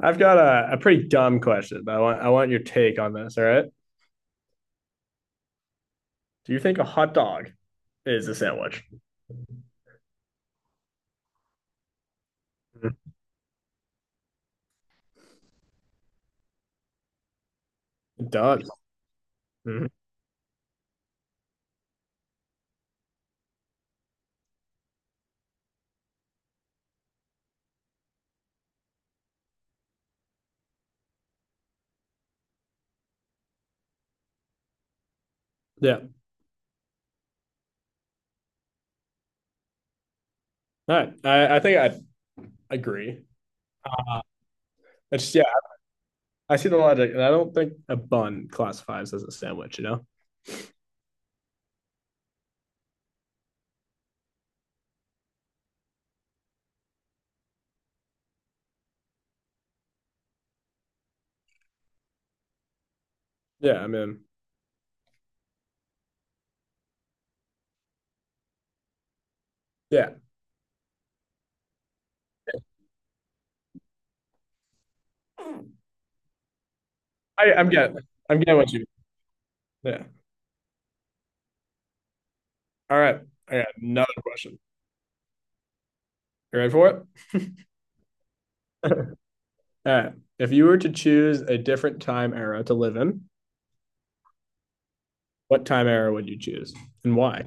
I've got a pretty dumb question, but I want your take on this. All right. Do you think a hot dog is a sandwich? It does. Mm-hmm. Yeah. All right. I think I agree. Uh, It's yeah, I see the logic, and I don't think a bun classifies as a sandwich, you know? Yeah, I mean, yeah. I, I'm getting I'm getting what you yeah. All right. I got another question. You ready for it? All right. If you were to choose a different time era to live in, what time era would you choose and why?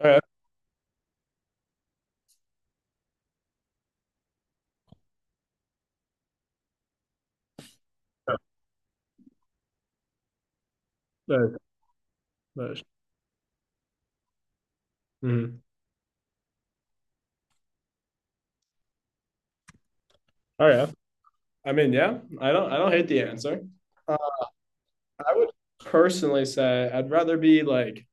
All right. Yeah. That, that. Mhm. All right. I mean, yeah, I don't hate the answer. Uh, I would personally say I'd rather be like,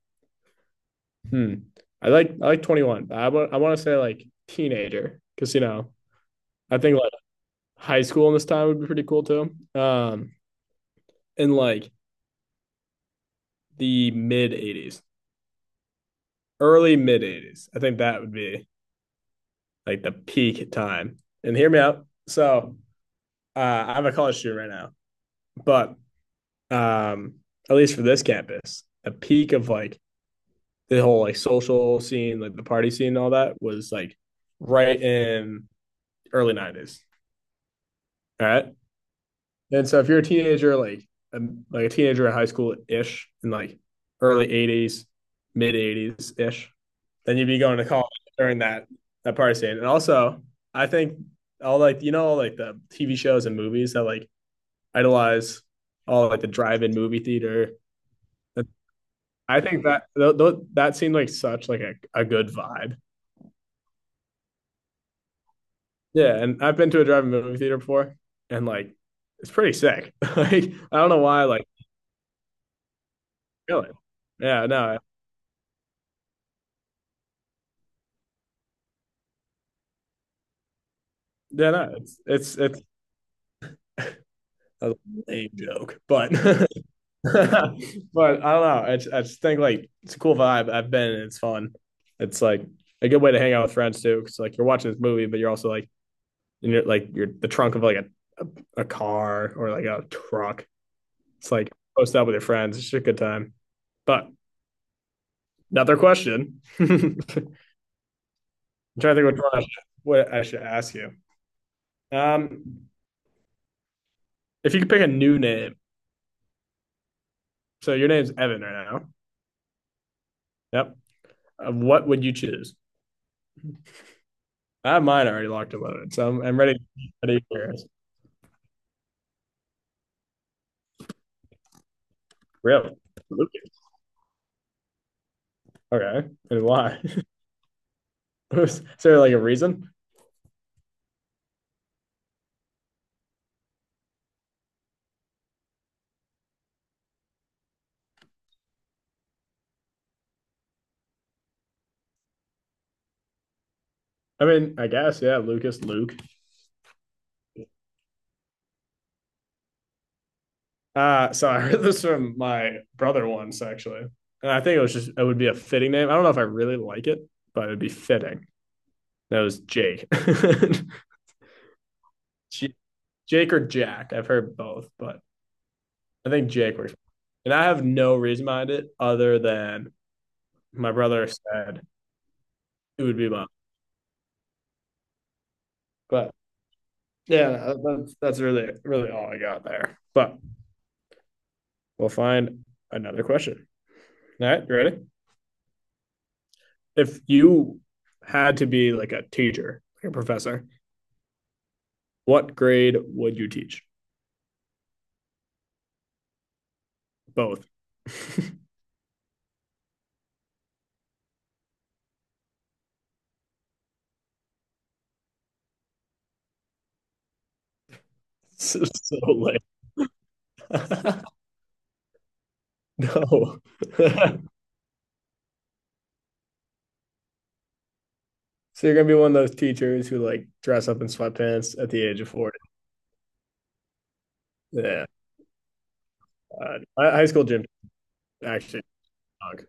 hmm, I like 21, but I want to say like teenager, because you know I think like high school in this time would be pretty cool too. In like the mid 80s, early mid 80s, I think that would be like the peak time. And hear me out. So I'm a college student right now, but um, at least for this campus, the peak of like the whole like social scene, like the party scene, and all that was like right in early '90s. All right, and so if you're a teenager, a, like a teenager in high school ish, in like early '80s, mid '80s ish, then you'd be going to college during that party state. And also, I think all like you know like the TV shows and movies that like idolize all like the drive-in movie theater. I think that that seemed like such like a good vibe. Yeah, and I've been to a drive-in movie theater before, and like it's pretty sick. Like I don't know why I, like really. Yeah, no, yeah, no. It's a lame joke, but. But I don't know. I just think like it's a cool vibe. I've been and it's fun. It's like a good way to hang out with friends too. Cause like you're watching this movie, but you're also like you're the trunk of like a car or like a truck. It's like post up with your friends. It's just a good time. But another question. I'm trying to think which one I should, what I should ask you. Um, if you could pick a new name, so your name's Evan right now. Yep. What would you choose? I have mine already locked in. So I'm ready. Ready for yours. Really? Lucas. Okay. And why? Is there like a reason? I mean, I guess, yeah, Lucas, Luke. So I heard this from my brother once, actually. And I think it was just, it would be a fitting name. I don't know if I really like it, but it'd be fitting. That was Jake. Jake or Jack. I've heard both, but I think Jake works. And I have no reason behind it other than my brother said it would be mine. But yeah, that's really, really all I got there. But we'll find another question. All right, you ready? If you had to be like a teacher, like a professor, what grade would you teach? Both. So lame. No. So you're gonna be one of those teachers who like dress up in sweatpants at the age of 40. Yeah. My high school gym actually stunk.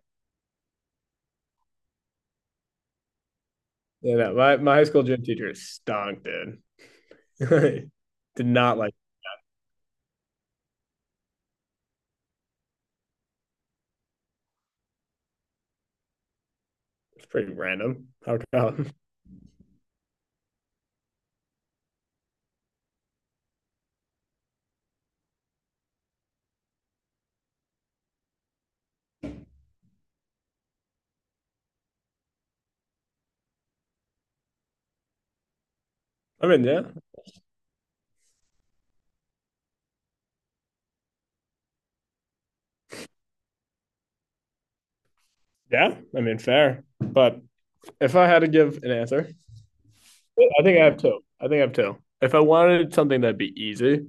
Yeah, no, my high school gym teacher stunk, dude. Did not like. It's pretty random. How come? I mean, yeah. Yeah, I mean, fair. But if I had to give an answer, I think I have two. I think I have two. If I wanted something that'd be easy,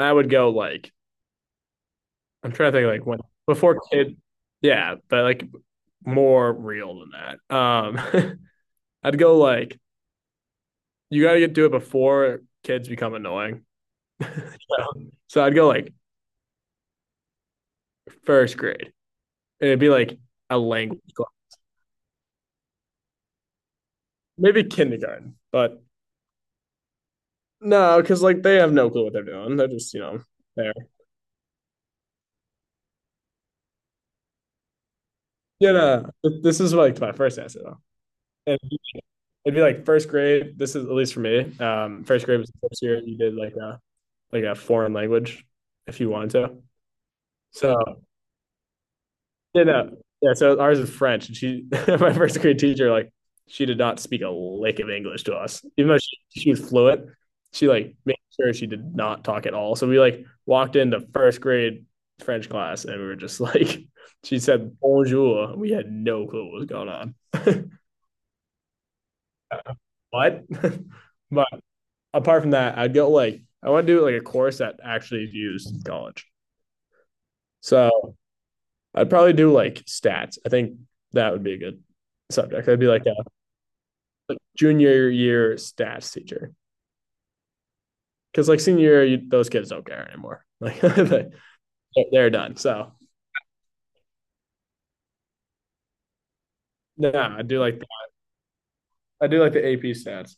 I would go like I'm trying to think like when before kid. Yeah, but like more real than that. I'd go like you gotta do it before kids become annoying. So so I'd go like first grade. And it'd be like a language class, maybe kindergarten, but no, because like they have no clue what they're doing. They're just you know they. Yeah, no, this is like my first essay though. And it'd be like first grade. This is at least for me. First grade was the first year you did like a foreign language if you wanted to. So yeah, no, yeah. So ours is French, and my first grade teacher, like she did not speak a lick of English to us, even though she was fluent. She like made sure she did not talk at all. So we like walked into first grade French class, and we were just like, she said bonjour, and we had no clue what was going on. What? But apart from that, I'd go like I want to do like a course that actually is used in college. So I'd probably do like stats. I think that would be a good subject. I'd be like a like, junior year stats teacher, because like senior year, those kids don't care anymore. Like they- are done. So no, no, I do like the AP stats.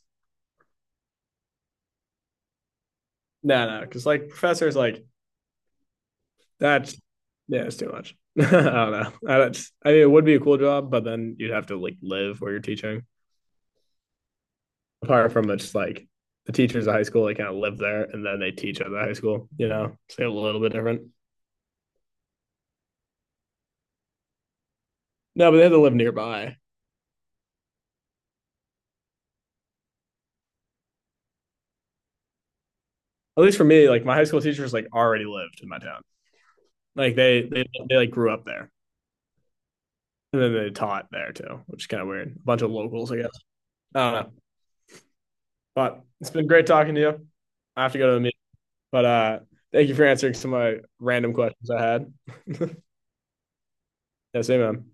No, no, because like professors like that's yeah, it's too much. I don't know. I, don't, I mean, it would be a cool job, but then you'd have to like live where you're teaching. Apart from it's like the teachers at high school, they kind of live there and then they teach at the high school, you know, so a little bit different. No, but they had to live nearby. At least for me, like my high school teachers like already lived in my town. Like they like grew up there and then they taught there too, which is kind of weird. A bunch of locals, I guess. I don't know, but it's been great talking to you. I have to go to a meeting, but thank you for answering some of my random questions I had. Yes, amen.